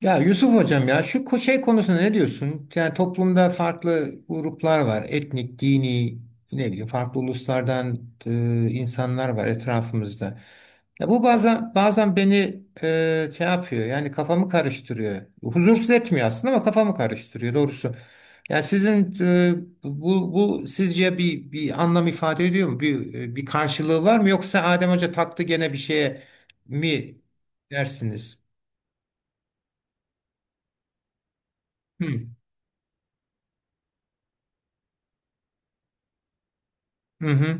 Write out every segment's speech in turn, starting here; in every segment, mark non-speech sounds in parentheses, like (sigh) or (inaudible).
Ya Yusuf hocam, ya şey konusunda ne diyorsun? Yani toplumda farklı gruplar var. Etnik, dini, ne bileyim farklı uluslardan insanlar var etrafımızda. Ya bu bazen beni şey yapıyor. Yani kafamı karıştırıyor. Huzursuz etmiyor aslında ama kafamı karıştırıyor doğrusu. Ya sizin bu sizce bir anlam ifade ediyor mu? Bir karşılığı var mı yoksa Adem Hoca taktı gene bir şeye mi dersiniz? Hı. Hı hı.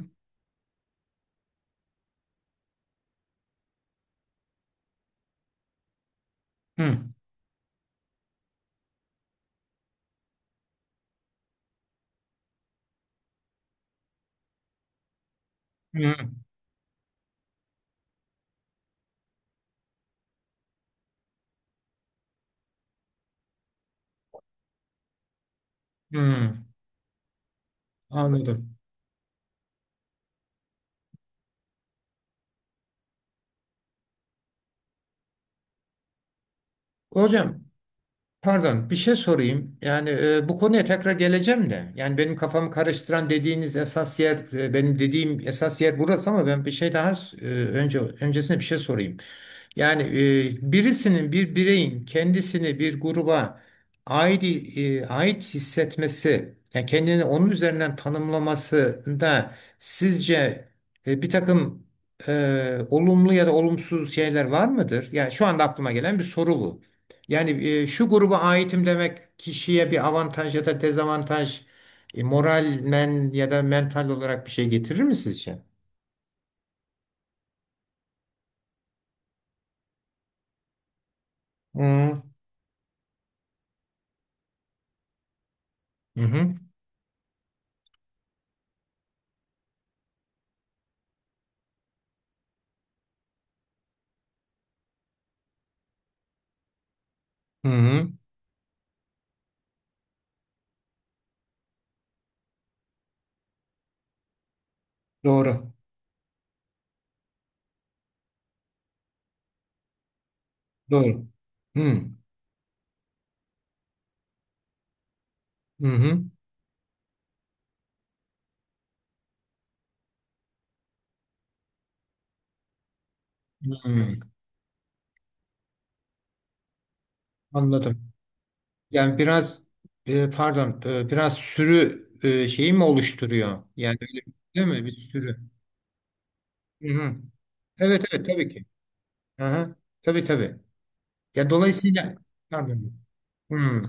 Hı, hı, hı. Anladım. Hocam, pardon, bir şey sorayım. Yani bu konuya tekrar geleceğim de. Yani benim kafamı karıştıran dediğiniz esas yer, benim dediğim esas yer burası, ama ben bir şey daha, öncesine bir şey sorayım. Yani birisinin, bir bireyin, kendisini bir gruba ait ait hissetmesi, yani kendini onun üzerinden tanımlamasında sizce bir takım olumlu ya da olumsuz şeyler var mıdır? Yani şu anda aklıma gelen bir soru bu. Yani şu gruba aitim demek kişiye bir avantaj ya da dezavantaj, moralmen ya da mental olarak bir şey getirir mi sizce? Hı hı. Hı hı. Hı hı. Doğru. Doğru. Hmm. Hı hı. Hmm. Anladım. Yani biraz, pardon, biraz sürü şeyi mi oluşturuyor? Yani öyle, değil mi? Bir sürü. Hı hı. Evet evet, tabii ki. Aha. Tabii tabii. Ya dolayısıyla, pardon. Hmm.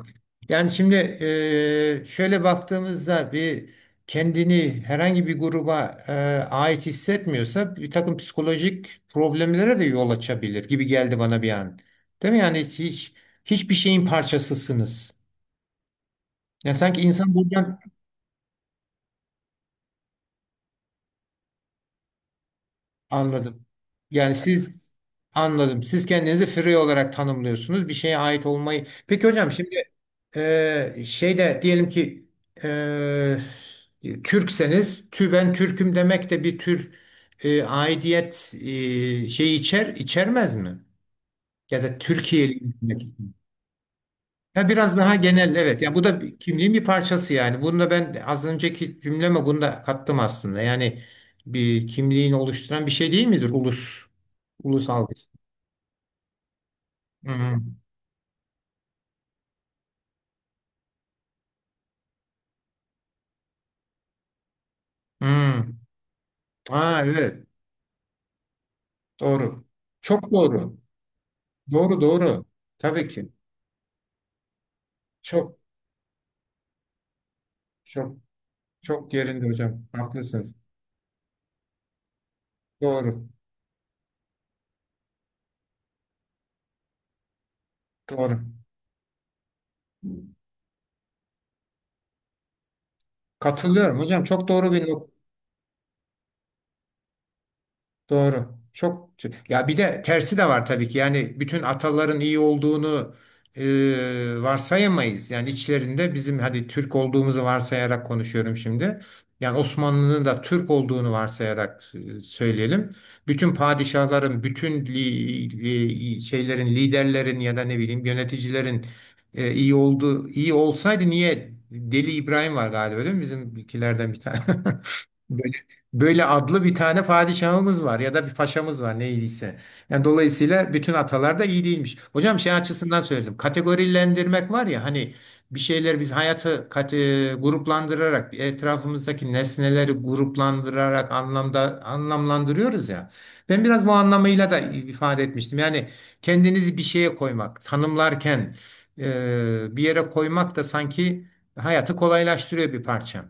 Yani şimdi, şöyle baktığımızda bir kendini herhangi bir gruba ait hissetmiyorsa bir takım psikolojik problemlere de yol açabilir gibi geldi bana bir an. Değil mi? Yani hiçbir şeyin parçasısınız. Ya sanki insan buradan, anladım. Yani siz, anladım. Siz kendinizi free olarak tanımlıyorsunuz. Bir şeye ait olmayı. Peki hocam şimdi, şeyde diyelim ki, e, Türkseniz, ben Türküm demek de bir tür aidiyet şeyi içermez mi? Ya da Türkiye'li demek. Ya biraz daha genel, evet. Ya bu da kimliğin bir parçası yani. Bunu da ben az önceki cümleme bunu da kattım aslında. Yani bir kimliğini oluşturan bir şey değil midir ulus? Ulus algısı. Hı hı. Hı. Aa, evet. Doğru. Çok doğru. Doğru doğru. Tabii ki. Çok çok çok yerinde hocam. Haklısınız. Doğru. Doğru. Katılıyorum hocam. Çok doğru bir Doğru. Ya bir de tersi de var tabii ki. Yani bütün ataların iyi olduğunu, e, varsayamayız. Yani içlerinde, bizim hadi Türk olduğumuzu varsayarak konuşuyorum şimdi. Yani Osmanlı'nın da Türk olduğunu varsayarak söyleyelim. Bütün padişahların, bütün şeylerin, liderlerin ya da ne bileyim yöneticilerin iyi iyi olsaydı, niye Deli İbrahim var galiba, değil mi? Bizimkilerden bir tane. (laughs) Böyle, böyle adlı bir tane padişahımız var, ya da bir paşamız var neydiyse. Yani dolayısıyla bütün atalar da iyi değilmiş. Hocam şey açısından söyledim. Kategorilendirmek var ya, hani bir şeyler, biz hayatı gruplandırarak, etrafımızdaki nesneleri gruplandırarak anlamlandırıyoruz ya. Ben biraz bu anlamıyla da ifade etmiştim. Yani kendinizi bir şeye koymak, tanımlarken bir yere koymak da sanki hayatı kolaylaştırıyor bir parça.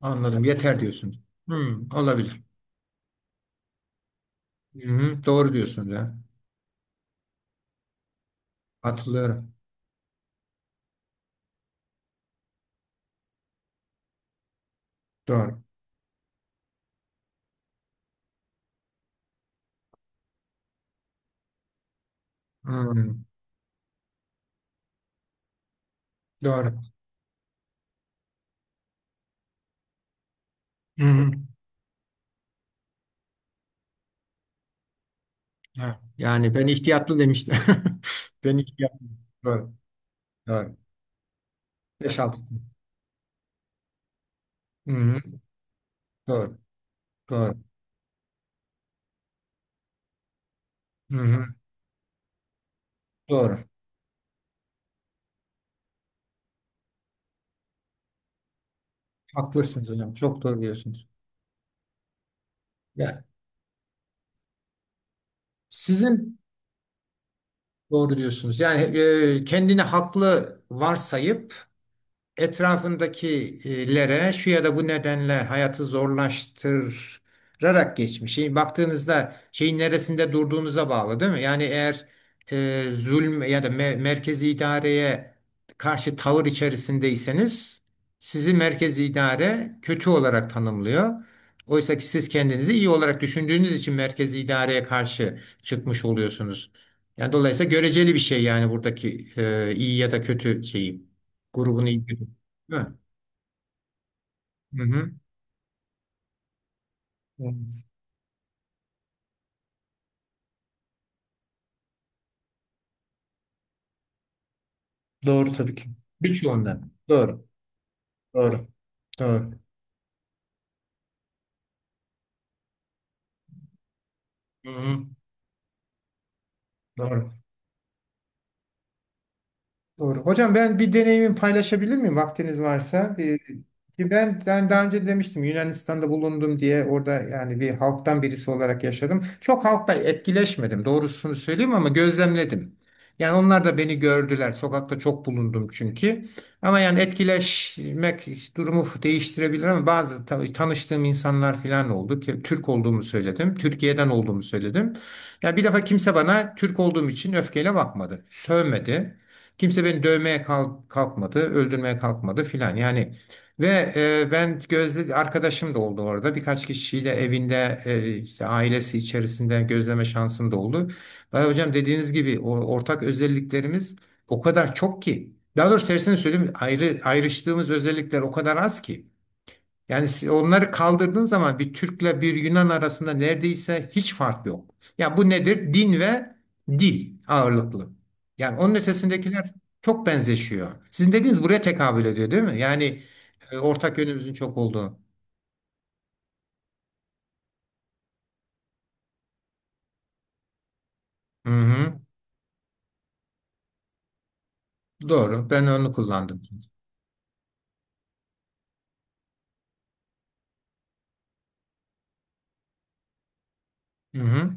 Anladım. Yeter diyorsunuz. Hmm, olabilir. Hı-hı, doğru diyorsunuz ya. Katılıyorum. Doğru. Hmm, doğru. Hı-hı. Ha, yani ben ihtiyatlı demiştim. (laughs) Ben ihtiyatlı. Doğru. Doğru. Beş altı. Hı-hı, doğru. Doğru. Hı-hı, doğru. Haklısınız hocam. Çok doğru diyorsunuz. Ya, sizin, doğru diyorsunuz. Yani kendini haklı varsayıp etrafındakilere şu ya da bu nedenle hayatı zorlaştırarak geçmiş. Şimdi baktığınızda şeyin neresinde durduğunuza bağlı, değil mi? Yani eğer zulm ya da merkezi idareye karşı tavır içerisindeyseniz, sizi merkezi idare kötü olarak tanımlıyor. Oysa ki siz kendinizi iyi olarak düşündüğünüz için merkezi idareye karşı çıkmış oluyorsunuz. Yani dolayısıyla göreceli bir şey yani, buradaki iyi ya da kötü şeyi, grubunu iyi. Evet. Hı hı. Doğru tabii ki. Birçoğundan. Doğru. Doğru. Doğru. Hı hı. Doğru. Doğru. Hocam, ben bir deneyimi paylaşabilir miyim vaktiniz varsa? Ki ben, daha önce demiştim Yunanistan'da bulundum diye, orada yani bir halktan birisi olarak yaşadım. Çok halkla etkileşmedim doğrusunu söyleyeyim ama gözlemledim. Yani onlar da beni gördüler. Sokakta çok bulundum çünkü. Ama yani etkileşmek durumu değiştirebilir, ama bazı tanıştığım insanlar falan oldu ki Türk olduğumu söyledim. Türkiye'den olduğumu söyledim. Ya bir defa kimse bana Türk olduğum için öfkeyle bakmadı. Sövmedi. Kimse beni dövmeye kalkmadı, öldürmeye kalkmadı filan. Yani ve ben gözle arkadaşım da oldu orada. Birkaç kişiyle evinde, işte ailesi içerisinde gözleme şansım da oldu. Vay hocam, dediğiniz gibi o ortak özelliklerimiz o kadar çok ki. Daha doğrusu tersini söyleyeyim, ayrıştığımız özellikler o kadar az ki. Yani siz onları kaldırdığın zaman bir Türk'le bir Yunan arasında neredeyse hiç fark yok. Ya bu nedir? Din ve dil ağırlıklı. Yani onun ötesindekiler çok benzeşiyor. Sizin dediğiniz buraya tekabül ediyor, değil mi? Yani ortak yönümüzün çok olduğu. Hı hı. Doğru. Ben onu kullandım. Hı hı.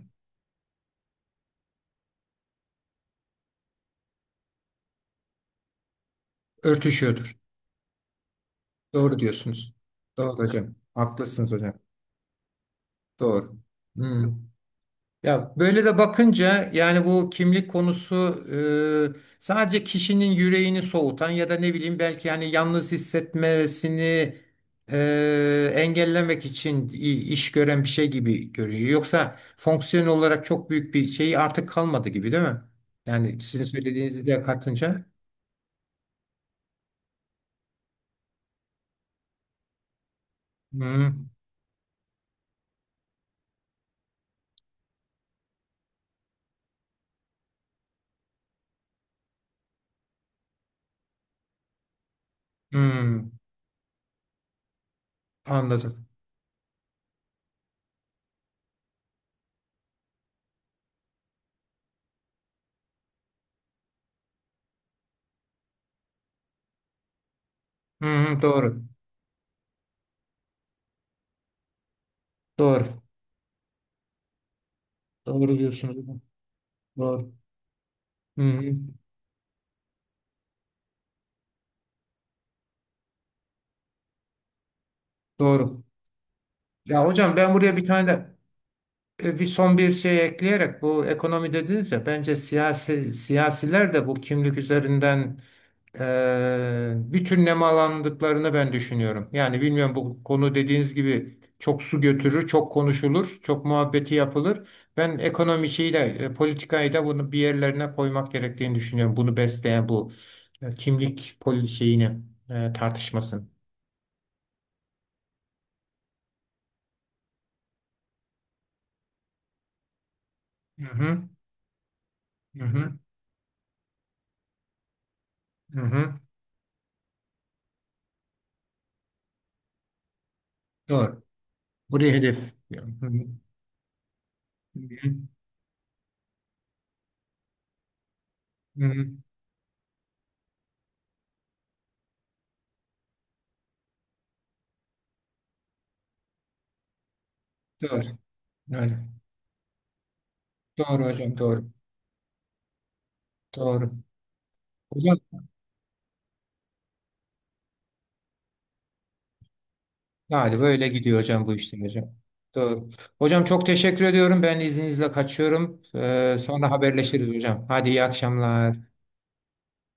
Örtüşüyordur. Doğru diyorsunuz. Doğru hocam. Haklısınız hocam. Doğru. Hı. Ya böyle de bakınca, yani bu kimlik konusu sadece kişinin yüreğini soğutan ya da ne bileyim belki yani yalnız hissetmesini engellemek için iş gören bir şey gibi görünüyor. Yoksa fonksiyon olarak çok büyük bir şey artık kalmadı gibi, değil mi? Yani sizin söylediğinizi de katınca. Hmm, hmm, anladım. Hmm, doğru. Doğru. Doğru diyorsunuz. Doğru. Hmm, doğru. Ya hocam, ben buraya bir tane de, bir son bir şey ekleyerek, bu ekonomi dediniz ya, bence siyasi, siyasiler de bu kimlik üzerinden bütün nemalandıklarını ben düşünüyorum. Yani bilmiyorum, bu konu dediğiniz gibi çok su götürür, çok konuşulur, çok muhabbeti yapılır. Ben ekonomi şeyi de, politikayı da bunu bir yerlerine koymak gerektiğini düşünüyorum. Bunu besleyen bu kimlik şeyini, tartışmasını. Hı hı, hı hı, hı hı. Doğru. Buraya hedef. Hı hı, hı hı, hı hı. Doğru. Öyle. Doğru hocam, doğru. Doğru. Hocam, yani böyle gidiyor hocam bu, işte hocam. Doğru. Hocam çok teşekkür ediyorum. Ben izninizle kaçıyorum. Sonra haberleşiriz hocam. Hadi, iyi akşamlar.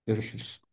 Görüşürüz.